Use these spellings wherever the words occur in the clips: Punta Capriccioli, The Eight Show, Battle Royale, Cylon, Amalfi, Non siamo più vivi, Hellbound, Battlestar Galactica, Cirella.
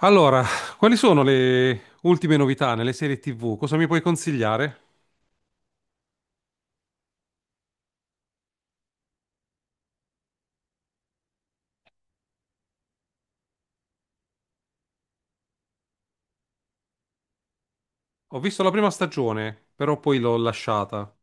Allora, quali sono le ultime novità nelle serie TV? Cosa mi puoi consigliare? Ho visto la prima stagione, però poi l'ho lasciata.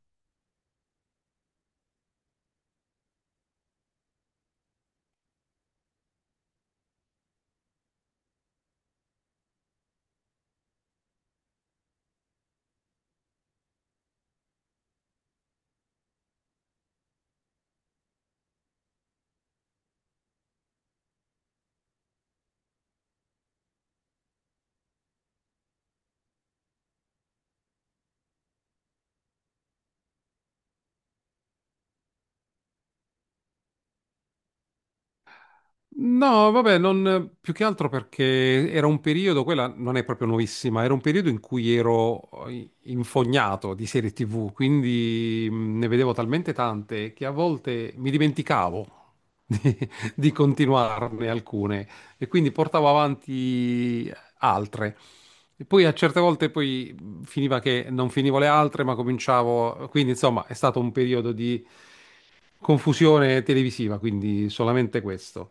No, vabbè, non, più che altro perché era un periodo, quella non è proprio nuovissima, era un periodo in cui ero infognato di serie TV, quindi ne vedevo talmente tante che a volte mi dimenticavo di, di continuarne alcune e quindi portavo avanti altre. E poi a certe volte poi finiva che non finivo le altre, ma cominciavo, quindi insomma è stato un periodo di confusione televisiva, quindi solamente questo.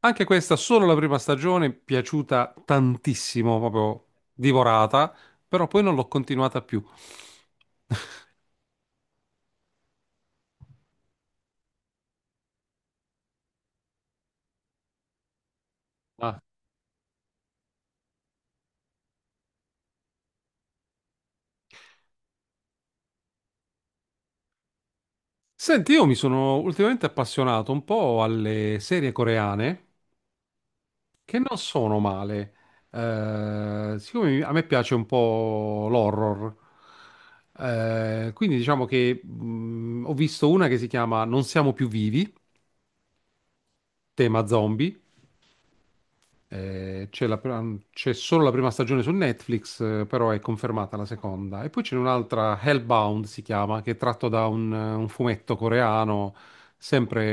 Anche questa, solo la prima stagione, piaciuta tantissimo, proprio divorata, però poi non l'ho continuata più. Ah. Senti, io mi sono ultimamente appassionato un po' alle serie coreane, che non sono male. Siccome a me piace un po' l'horror, quindi diciamo che ho visto una che si chiama Non siamo più vivi, tema zombie. C'è c'è solo la prima stagione su Netflix, però è confermata la seconda. E poi c'è un'altra, Hellbound si chiama, che è tratto da un fumetto coreano, sempre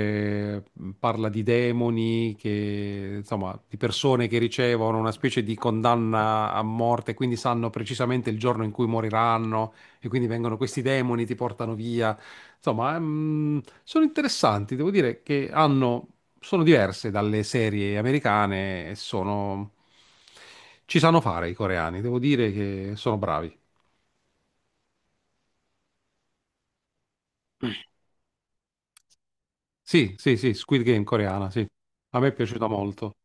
parla di demoni, che, insomma, di persone che ricevono una specie di condanna a morte, quindi sanno precisamente il giorno in cui moriranno, e quindi vengono questi demoni, ti portano via. Insomma, sono interessanti, devo dire che hanno, sono diverse dalle serie americane e sono... Ci sanno fare i coreani, devo dire che sono bravi. Sì, sì, sì, Squid Game coreana, sì. A me è piaciuta molto.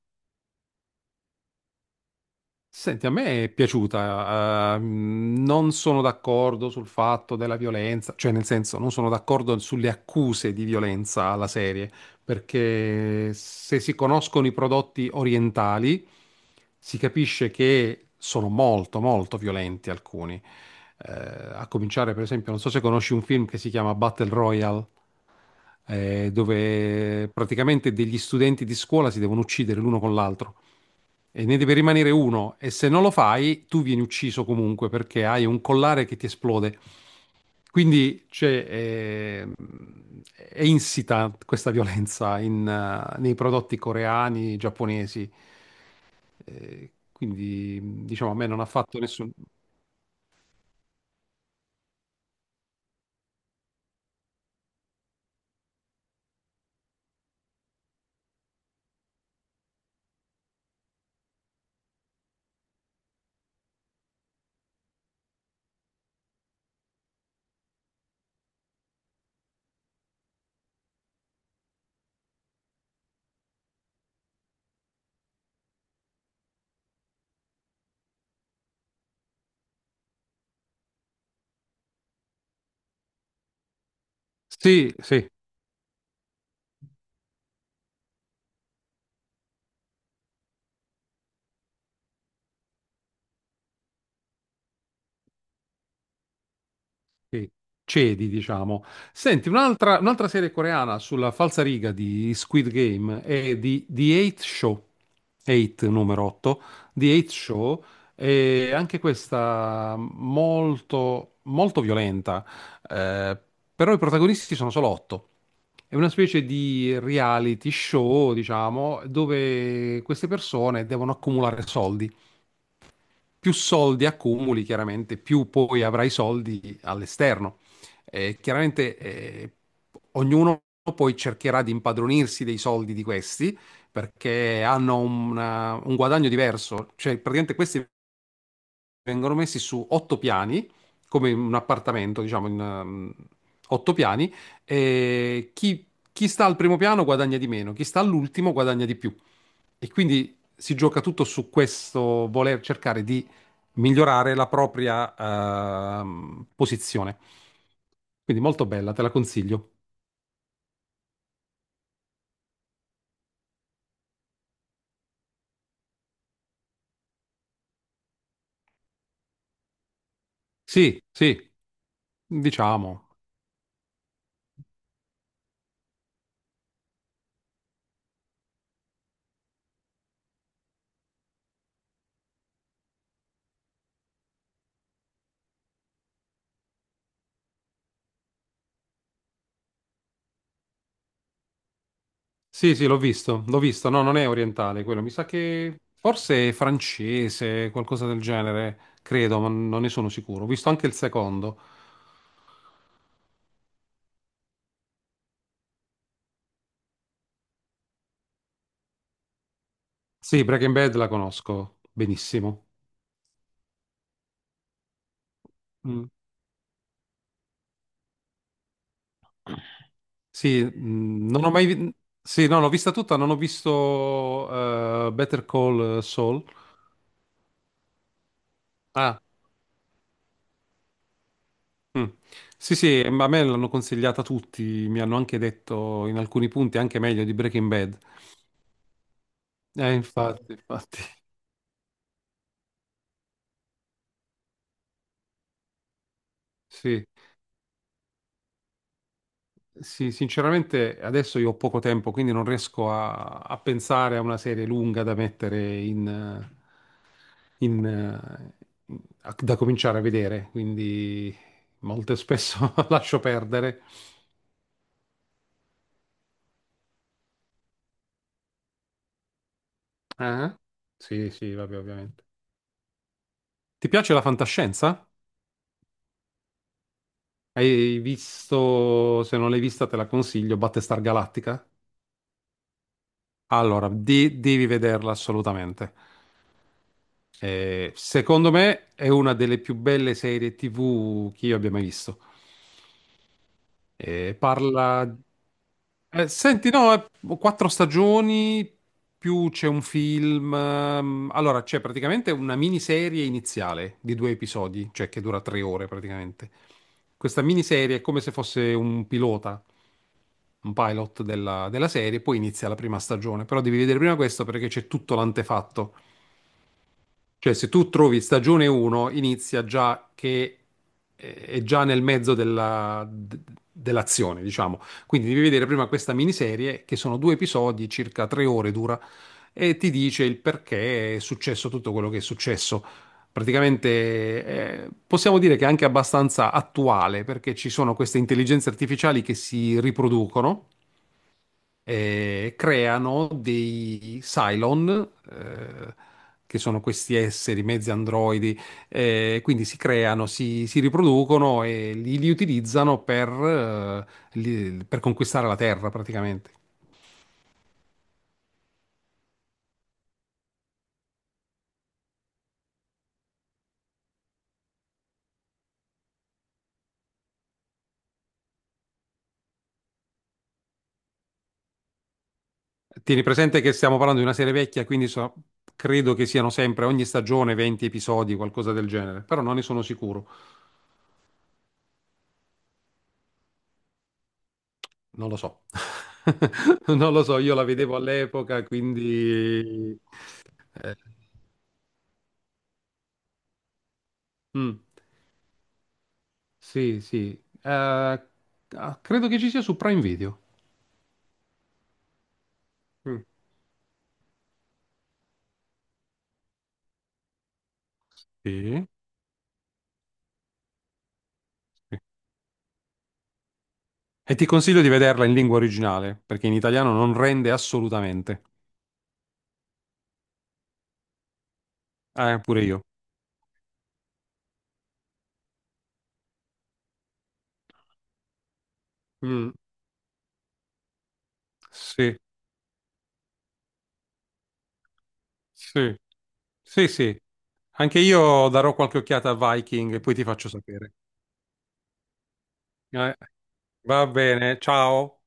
Senti, a me è piaciuta, non sono d'accordo sul fatto della violenza, cioè nel senso non sono d'accordo sulle accuse di violenza alla serie, perché se si conoscono i prodotti orientali si capisce che sono molto molto violenti alcuni. Eh, a cominciare per esempio, non so se conosci un film che si chiama Battle Royale, dove praticamente degli studenti di scuola si devono uccidere l'uno con l'altro. E ne deve rimanere uno e se non lo fai, tu vieni ucciso comunque perché hai un collare che ti esplode. Quindi c'è, è insita questa violenza in, nei prodotti coreani, giapponesi. Quindi diciamo a me non ha fatto nessun... Sì, sì, sì, cedi, diciamo. Senti, un'altra serie coreana sulla falsariga di Squid Game è di The Eight Show, 8 numero 8, The Eight Show, è anche questa molto, molto violenta, eh, però i protagonisti sono solo otto. È una specie di reality show, diciamo, dove queste persone devono accumulare soldi, più soldi accumuli, chiaramente, più poi avrai soldi all'esterno. Chiaramente ognuno poi cercherà di impadronirsi dei soldi di questi perché hanno un guadagno diverso, cioè praticamente questi vengono messi su otto piani, come in un appartamento, diciamo, in otto piani, e chi sta al primo piano guadagna di meno, chi sta all'ultimo guadagna di più. E quindi si gioca tutto su questo voler cercare di migliorare la propria posizione. Quindi molto bella, te la consiglio. Sì, sì, diciamo. Sì, sì, l'ho visto, l'ho visto. No, non è orientale quello, mi sa che forse è francese, qualcosa del genere, credo, ma non ne sono sicuro. Ho visto anche il secondo. Sì, Breaking Bad la conosco benissimo. Mm. Sì, non ho mai... Sì, no, l'ho vista tutta, non ho visto Better Call Saul. Ah, mm. Sì, sì, ma a me l'hanno consigliata tutti, mi hanno anche detto in alcuni punti anche meglio di Breaking Bad. Infatti, infatti. Sì, sì, sinceramente adesso io ho poco tempo, quindi non riesco a pensare a una serie lunga da mettere da cominciare a vedere, quindi molto spesso lascio perdere. Ah, sì, sì, vabbè, ovviamente. Ti piace la fantascienza? Hai visto, se non l'hai vista te la consiglio, Battlestar Galactica? Allora, devi vederla assolutamente. Secondo me è una delle più belle serie TV che io abbia mai visto. Parla... Senti, no, quattro stagioni, più c'è un film. Allora, c'è praticamente una miniserie iniziale di due episodi, cioè che dura tre ore praticamente. Questa miniserie è come se fosse un pilota un pilot della serie, poi inizia la prima stagione. Però devi vedere prima questo perché c'è tutto l'antefatto. Cioè, se tu trovi stagione 1, inizia già che è già nel mezzo dell'azione, diciamo. Quindi devi vedere prima questa miniserie, che sono due episodi, circa tre ore dura, e ti dice il perché è successo tutto quello che è successo. Praticamente possiamo dire che è anche abbastanza attuale perché ci sono queste intelligenze artificiali che si riproducono, creano dei Cylon, che sono questi esseri, mezzi androidi, quindi si creano, si riproducono e li utilizzano per conquistare la Terra praticamente. Tieni presente che stiamo parlando di una serie vecchia, quindi credo che siano sempre ogni stagione 20 episodi, qualcosa del genere, però non ne sono sicuro, non lo so. Non lo so, io la vedevo all'epoca, quindi... eh, mm. Sì, sì. Eh, ah, credo che ci sia su Prime Video. Mm. Sì, sì. E ti consiglio di vederla in lingua originale, perché in italiano non rende assolutamente. Pure io. Mm. Sì, sì, sì, sì. Anche io darò qualche occhiata a Viking e poi ti faccio sapere. Eh, va bene, ciao.